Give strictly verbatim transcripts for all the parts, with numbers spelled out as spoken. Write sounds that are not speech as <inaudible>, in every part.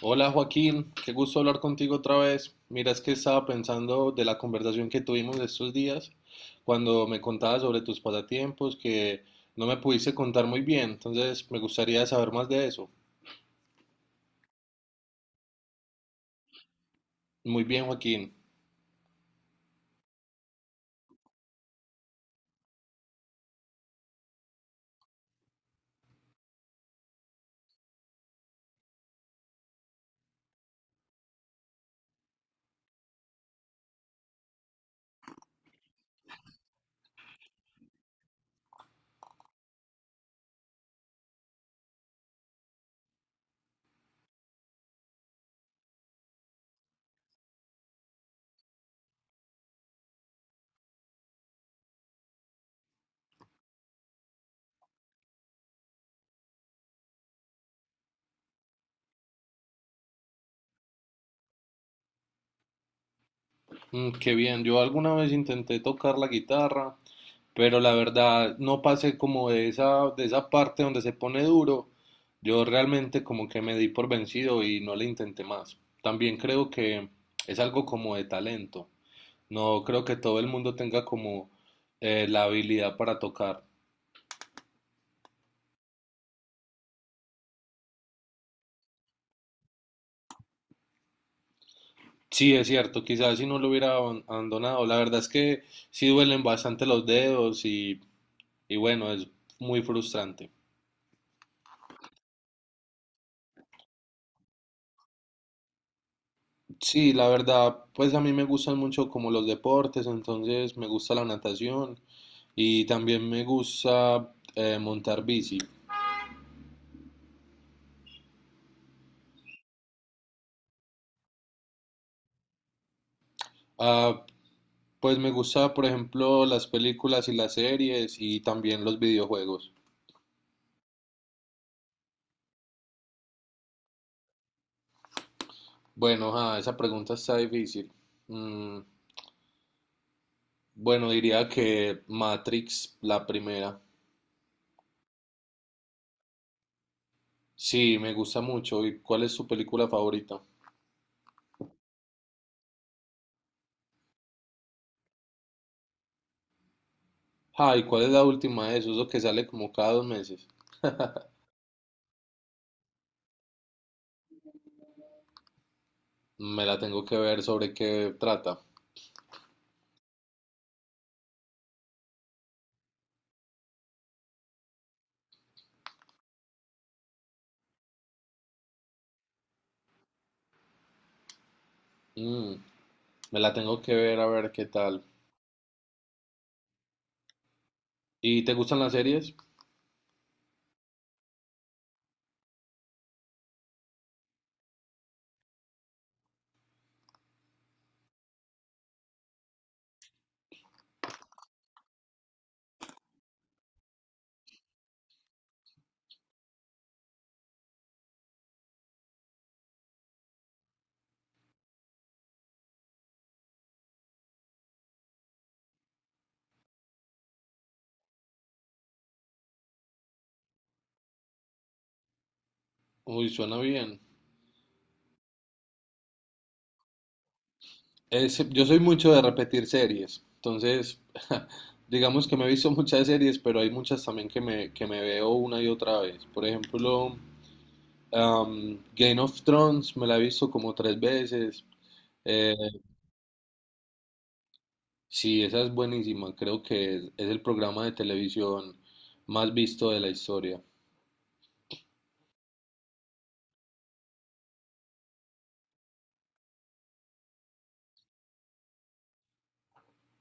Hola Joaquín, qué gusto hablar contigo otra vez. Mira, es que estaba pensando de la conversación que tuvimos estos días cuando me contabas sobre tus pasatiempos que no me pudiste contar muy bien, entonces me gustaría saber más de eso. Muy bien Joaquín. Mm, qué bien. Yo alguna vez intenté tocar la guitarra, pero la verdad no pasé como de esa, de esa parte donde se pone duro. Yo realmente como que me di por vencido y no le intenté más. También creo que es algo como de talento. No creo que todo el mundo tenga como eh, la habilidad para tocar. Sí, es cierto, quizás si no lo hubiera abon- abandonado. La verdad es que sí duelen bastante los dedos y, y bueno, es muy frustrante. Sí, la verdad, pues a mí me gustan mucho como los deportes, entonces me gusta la natación y también me gusta eh, montar bici. Ah, pues me gusta, por ejemplo, las películas y las series y también los videojuegos. Bueno, ah, esa pregunta está difícil. Mm, bueno, diría que Matrix, la primera. Sí, me gusta mucho. ¿Y cuál es su película favorita? Ah, ¿y cuál es la última de esos? Eso que sale como cada dos meses. Me la tengo que ver sobre qué trata. Mm, Me la tengo que ver a ver qué tal. ¿Y te gustan las series? Uy, suena bien. Es- yo soy mucho de repetir series. Entonces, <laughs> digamos que me he visto muchas series, pero hay muchas también que me, que me veo una y otra vez. Por ejemplo, Am, Game of Thrones me la he visto como tres veces. Eh, sí, esa es buenísima. Creo que es, es el programa de televisión más visto de la historia.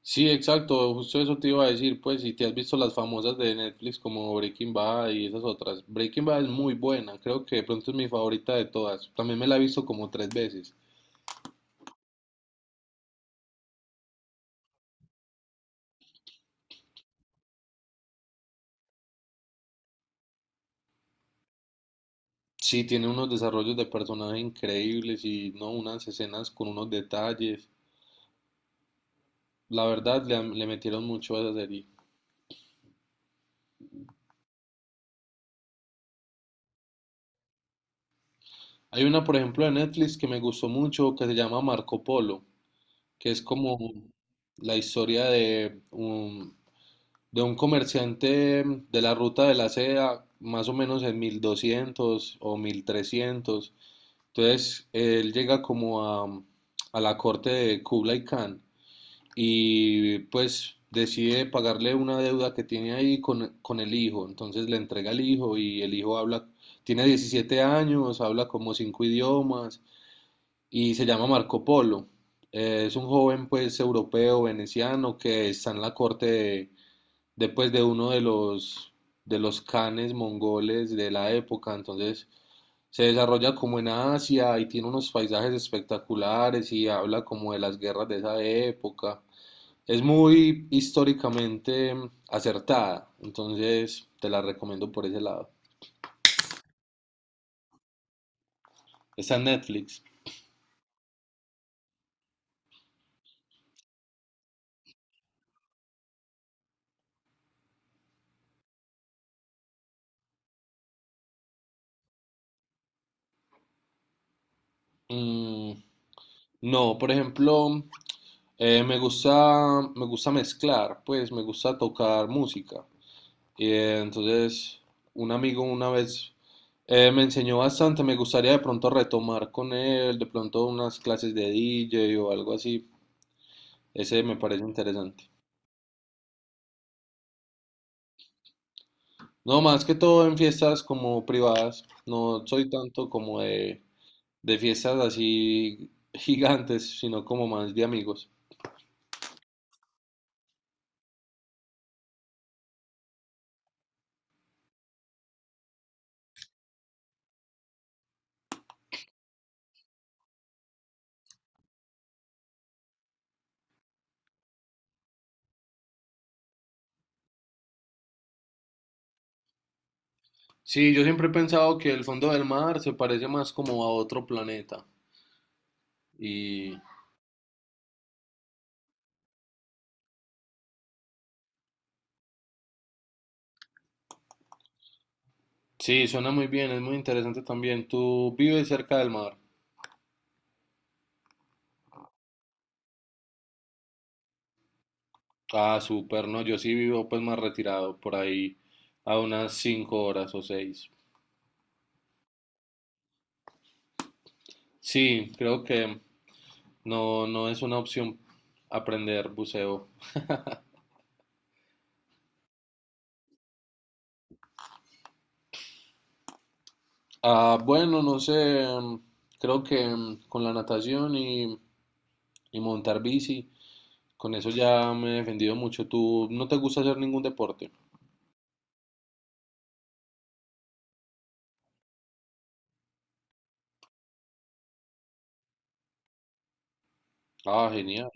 Sí, exacto. Justo eso te iba a decir. Pues si te has visto las famosas de Netflix como Breaking Bad y esas otras. Breaking Bad es muy buena. Creo que de pronto es mi favorita de todas. También me la he visto como tres veces. Sí, tiene unos desarrollos de personajes increíbles y no unas escenas con unos detalles. La verdad, le, le metieron mucho a esa serie. Hay una, por ejemplo, de Netflix que me gustó mucho que se llama Marco Polo, que es como la historia de un, de un comerciante de la ruta de la seda, más o menos en mil doscientos o mil trescientos. Entonces, él llega como a, a la corte de Kublai Khan y pues decide pagarle una deuda que tiene ahí con, con el hijo. Entonces le entrega al hijo y el hijo habla, tiene diecisiete años, habla como cinco idiomas y se llama Marco Polo. Eh, es un joven pues europeo, veneciano, que está en la corte de, de, pues, de uno de los, de los canes mongoles de la época. Entonces se desarrolla como en Asia y tiene unos paisajes espectaculares y habla como de las guerras de esa época. Es muy históricamente acertada, entonces te la recomiendo por ese lado. Está en Netflix. Mm, no, por ejemplo, Eh, me gusta, me gusta, mezclar, pues me gusta tocar música. Y eh, entonces un amigo una vez eh, me enseñó bastante, me gustaría de pronto retomar con él, de pronto unas clases de D J o algo así. Ese me parece interesante. No, más que todo en fiestas como privadas, no soy tanto como de, de fiestas así <laughs> gigantes, sino como más de amigos. Sí, yo siempre he pensado que el fondo del mar se parece más como a otro planeta. Y Sí, suena muy bien, es muy interesante también. ¿Tú vives cerca del mar? Ah, súper, no, yo sí vivo pues más retirado, por ahí a unas cinco horas o seis. Sí, creo que no, no es una opción aprender buceo. Ah, bueno, no sé, mm, creo que mm, con la natación y, y montar bici, con eso ya me he defendido mucho. ¿Tú no te gusta hacer ningún deporte? Ah, genial.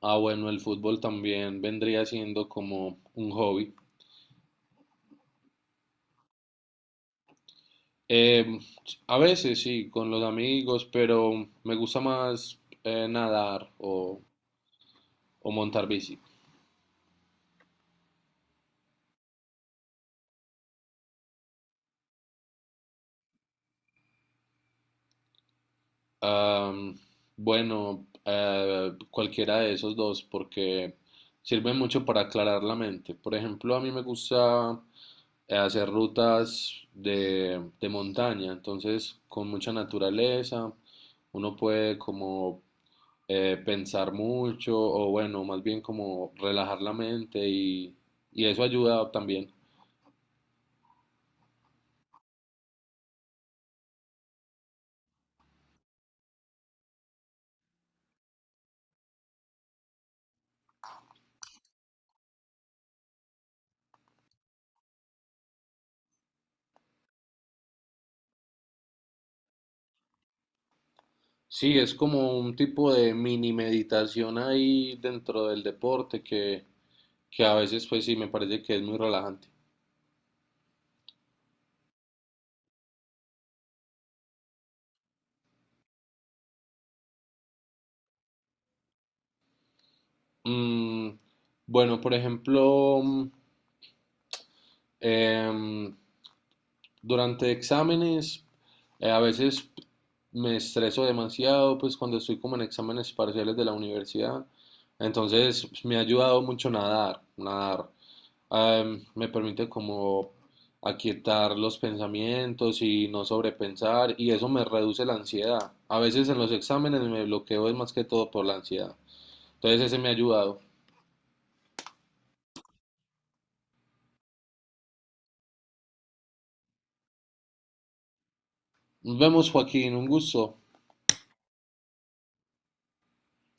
Ah, bueno, el fútbol también vendría siendo como un hobby. Eh, a veces sí, con los amigos, pero me gusta más eh, nadar o, o montar bici. Am, bueno, eh, cualquiera de esos dos, porque sirven mucho para aclarar la mente. Por ejemplo, a mí me gusta eh, hacer rutas de, de montaña, entonces con mucha naturaleza, uno puede como eh, pensar mucho o bueno, más bien como relajar la mente y, y eso ayuda también. Sí, es como un tipo de mini meditación ahí dentro del deporte que, que a veces pues sí me parece que es muy relajante. Mm, bueno, por ejemplo, mm, em, durante exámenes, eh, a veces me estreso demasiado, pues cuando estoy como en exámenes parciales de la universidad. Entonces, pues, me ha ayudado mucho nadar, nadar. Em, me permite como aquietar los pensamientos y no sobrepensar y eso me reduce la ansiedad. A veces en los exámenes me bloqueo es más que todo por la ansiedad. Entonces, ese me ha ayudado. Nos vemos, Joaquín, un gusto.